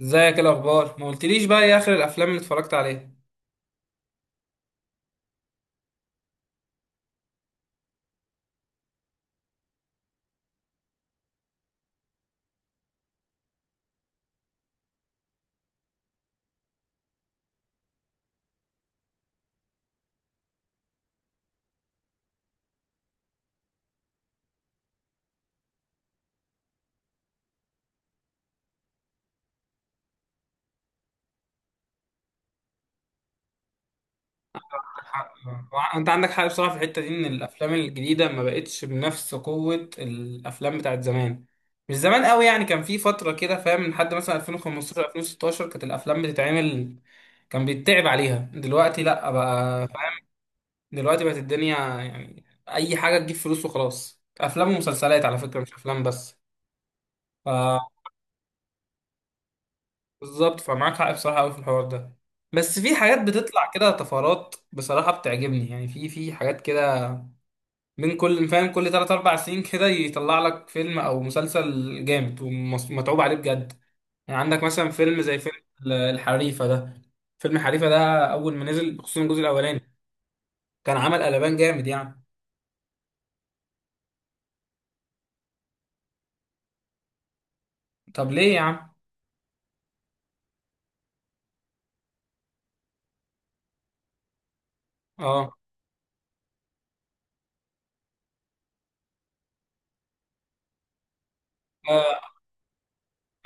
ازيك؟ ايه الاخبار؟ ما قلتليش بقى ايه اخر الافلام اللي اتفرجت عليها؟ آه. انت عندك حق بصراحه في الحته دي، ان الافلام الجديده ما بقتش بنفس قوه الافلام بتاعت زمان. مش زمان قوي يعني، كان في فتره كده فاهم، من حد مثلا 2015 2016 كانت الافلام بتتعمل، كان بيتعب عليها. دلوقتي لا بقى فاهم، دلوقتي بقت الدنيا يعني اي حاجه تجيب فلوس وخلاص، افلام ومسلسلات على فكره مش افلام بس. بالظبط، فمعاك حق بصراحة أوي في الحوار ده. بس في حاجات بتطلع كده طفرات بصراحة بتعجبني، يعني في حاجات كده، من كل فاهم كل تلات أربع سنين كده يطلع لك فيلم أو مسلسل جامد ومتعوب عليه بجد. يعني عندك مثلا فيلم زي فيلم الحريفة ده. فيلم الحريفة ده أول ما نزل، خصوصا الجزء الأولاني، كان عمل قلبان جامد يعني. طب ليه يا عم؟ اه. آه.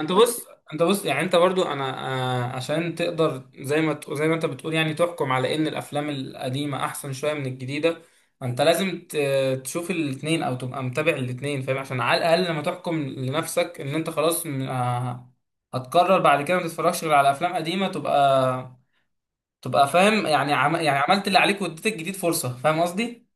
انت بص انت بص، يعني انت برضو انا، آه، عشان تقدر زي ما ت- زي ما انت بتقول يعني تحكم على ان الافلام القديمه احسن شويه من الجديده، انت لازم تشوف الاتنين او تبقى متابع الاتنين فاهم، عشان على الاقل لما تحكم لنفسك ان انت خلاص آه، هتقرر بعد كده ما تتفرجش غير على افلام قديمه، تبقى فاهم يعني يعني عملت اللي عليك واديت الجديد فرصه، فاهم قصدي.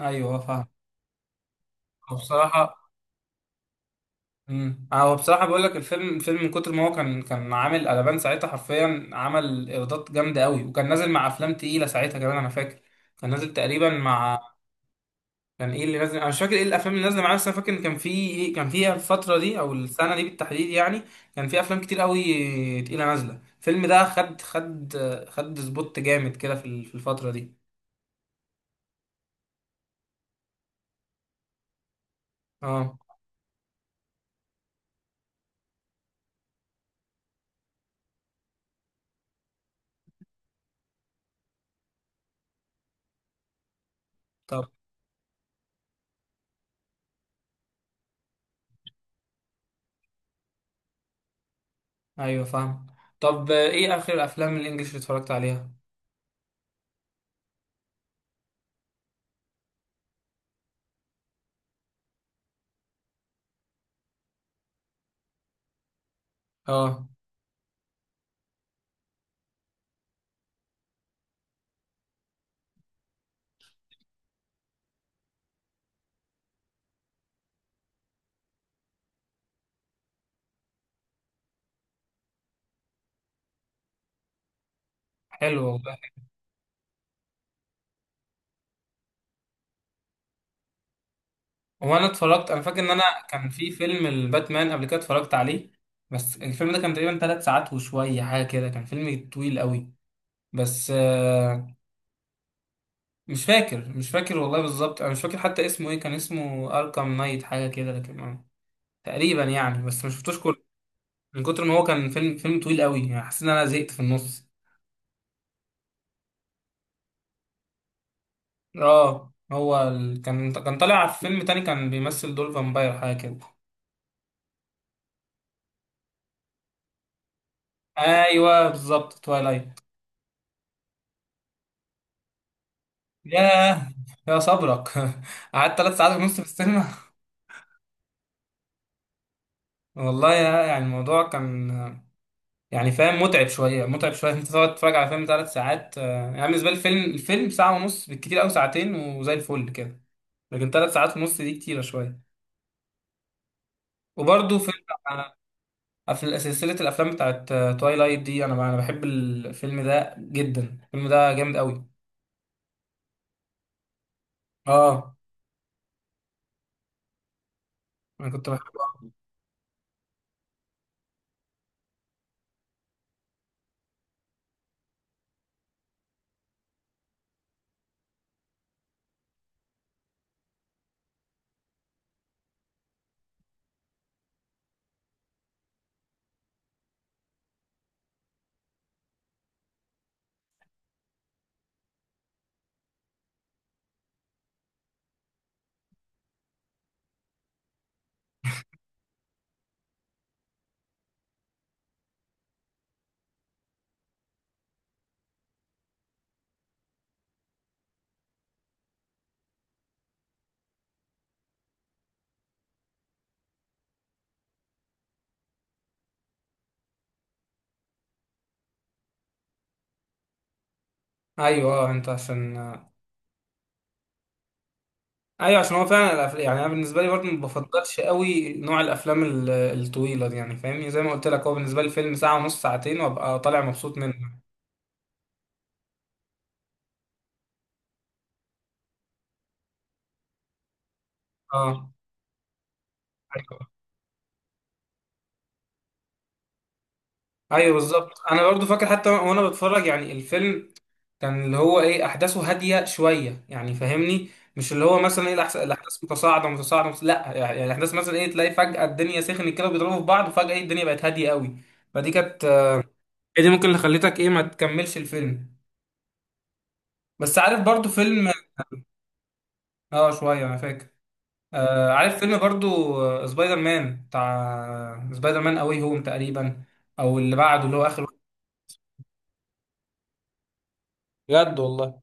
ايوه فاهم. بصراحه، امم، هو بصراحه بقول لك، الفيلم من كتر ما هو كان عامل قلبان ساعتها، حرفيا عمل ايرادات جامده قوي، وكان نازل مع افلام تقيله ساعتها كمان انا فاكر. كان نازل تقريبا مع، كان ايه اللي نازل؟ انا مش فاكر ايه الافلام اللي نازله معاه، بس انا فاكر ان كان في، كان فيها الفتره دي او السنه دي بالتحديد يعني كان في افلام كتير قوي تقيله نازله. الفيلم ده خد خد سبوت جامد كده في في الفتره دي. اه. طب. ايوه فاهم. طب ايه اخر الافلام الانجليش اللي اتفرجت عليها؟ اه. حلو والله. هو انا اتفرجت، انا فاكر ان انا كان في فيلم الباتمان قبل كده اتفرجت عليه، بس الفيلم ده كان تقريبا ثلاث ساعات وشويه حاجه كده، كان فيلم طويل قوي، بس آه، مش فاكر، والله بالظبط انا مش فاكر حتى اسمه ايه. كان اسمه اركام نايت حاجه كده لكن آه، تقريبا يعني. بس ما شفتوش كله، من كتر ما هو كان فيلم، طويل قوي، يعني حسيت ان انا زهقت في النص. اه هو كان طالع في فيلم تاني كان بيمثل دور فامباير حاجه كده. ايوه بالظبط، توايلايت. ياه، يا صبرك قعدت ثلاث ساعات ونص في السينما. والله يا، يعني الموضوع كان، يعني فاهم، متعب شويه، انت تقعد تتفرج على فيلم ثلاث ساعات. آه، يعني بالنسبه لي، الفيلم ساعه ونص بالكتير قوي، ساعتين وزي الفل كده، لكن ثلاث ساعات ونص دي كتيره شويه. وبرده فيلم، آه، في سلسله الافلام بتاعت تويلايت دي، انا بحب الفيلم ده جدا، الفيلم ده جامد قوي. اه، انا كنت بحبه. ايوه. اه انت عشان، ايوه عشان هو فعلا الأفلام، يعني انا بالنسبه لي برضه ما بفضلش قوي نوع الافلام الطويله دي، يعني فاهمني، زي ما قلت لك هو بالنسبه لي فيلم ساعه ونص ساعتين وابقى طالع مبسوط منه. اه. ايوه، أيوة بالظبط، انا برضه فاكر حتى وانا بتفرج يعني الفيلم، كان اللي هو ايه احداثه هاديه شويه، يعني فاهمني، مش اللي هو مثلا ايه الاحداث متصاعده متصاعده لا، يعني الاحداث مثلا ايه، تلاقي فجاه الدنيا سخنت كده وبيضربوا في بعض، وفجاه ايه الدنيا بقت هاديه قوي. فدي كانت، هي دي ممكن اللي خلتك ايه ما تكملش الفيلم. بس عارف برضو فيلم، اه شوية انا فاكر، آه عارف فيلم برضو آه، سبايدر مان، بتاع سبايدر مان اوي هوم تقريبا، او اللي بعده اللي هو اخر واحد. بجد والله.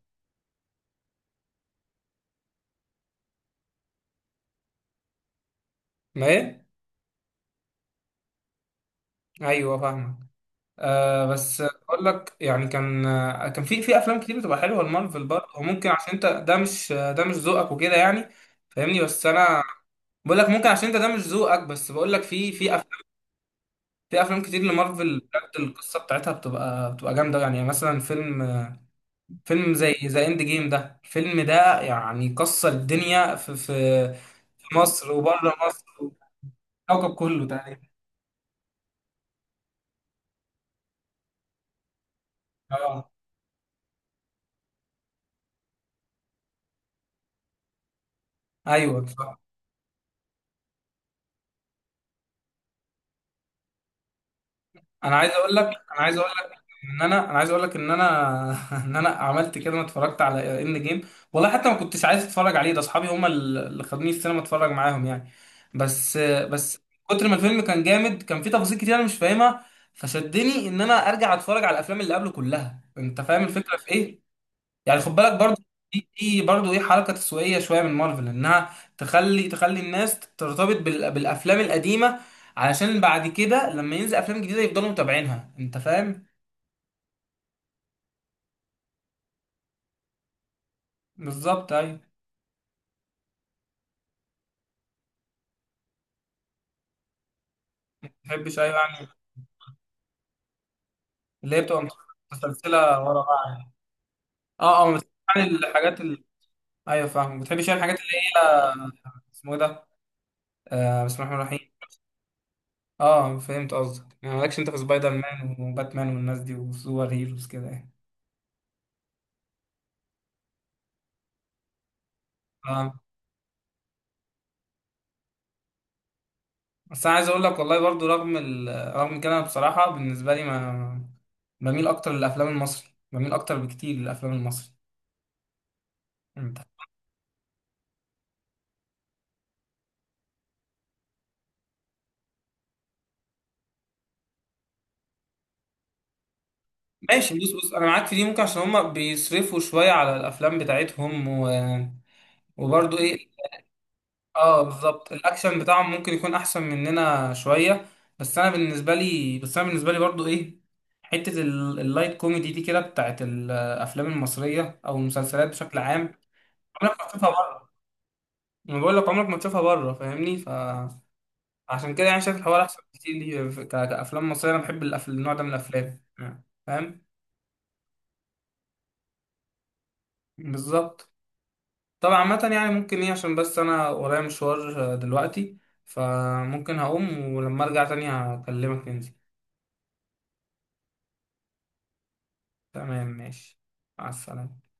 ما ايه. ايوه فاهمك. آه بس اقول لك، يعني كان آه، كان في افلام كتير بتبقى حلوه المارفل برضه، وممكن عشان انت ده مش آه، ده مش ذوقك وكده يعني، فاهمني. بس انا بقول لك ممكن عشان انت ده مش ذوقك، بس بقول لك في أفلام، في افلام كتير لمارفل بجد القصه بتاعتها بتبقى جامده يعني. يعني مثلا فيلم، زي ذا اند جيم ده، الفيلم ده يعني كسر الدنيا في في مصر وبره مصر، الكوكب كله تقريبا. اه. ايوه صح. انا عايز اقول لك ان انا، انا عايز اقول لك ان انا ان انا عملت كده، ما اتفرجت على اند جيم والله، حتى ما كنتش عايز اتفرج عليه، ده اصحابي هم اللي خدوني السينما اتفرج معاهم يعني. بس كتر ما الفيلم كان جامد، كان فيه تفاصيل كتير انا مش فاهمها، فشدني ان انا ارجع اتفرج على الافلام اللي قبله كلها، انت فاهم الفكره في ايه. يعني خد بالك برضو، دي برضو ايه حركه تسويقيه شويه من مارفل، انها تخلي الناس ترتبط بالافلام القديمه، علشان بعد كده لما ينزل افلام جديده يفضلوا متابعينها، انت فاهم. بالظبط ايوه. ما بحبش، ايوه يعني اللي هي بتبقى متسلسله ورا بعض يعني. اه اه، ما بتحبش يعني الحاجات اللي، ايوه فاهم، ما بتحبش يعني الحاجات اللي هي، اسمه إيه ده، آه بسم الله الرحمن الرحيم. اه فهمت قصدك، يعني مالكش انت في سبايدر مان وباتمان والناس دي وسوبر هيروز كده يعني. اه. بس انا عايز اقول لك والله برضو رغم رغم كده، أنا بصراحه بالنسبه لي ما، بميل اكتر للافلام المصري، بميل اكتر بكتير للافلام المصري. انت، ماشي بص، انا معاك في دي، ممكن عشان هما بيصرفوا شويه على الافلام بتاعتهم و... وبرضو ايه، اه بالظبط الاكشن بتاعهم ممكن يكون احسن مننا شويه. بس انا بالنسبه لي برضو ايه، حته اللايت كوميدي دي كده، بتاعت الافلام المصريه او المسلسلات بشكل عام، انا بشوفها بره. انا بقول لك عمرك ما تشوفها بره، فاهمني، فعشان كده يعني شايف الحوار احسن بكتير ليه في- كافلام مصريه. انا بحب النوع ده من الافلام يعني، فاهم. بالظبط. طبعا عامه يعني ممكن ايه، عشان بس انا ورايا مشوار آه، دلوقتي، فممكن هقوم ولما ارجع تاني هكلمك ننزل. تمام ماشي. مع السلامه.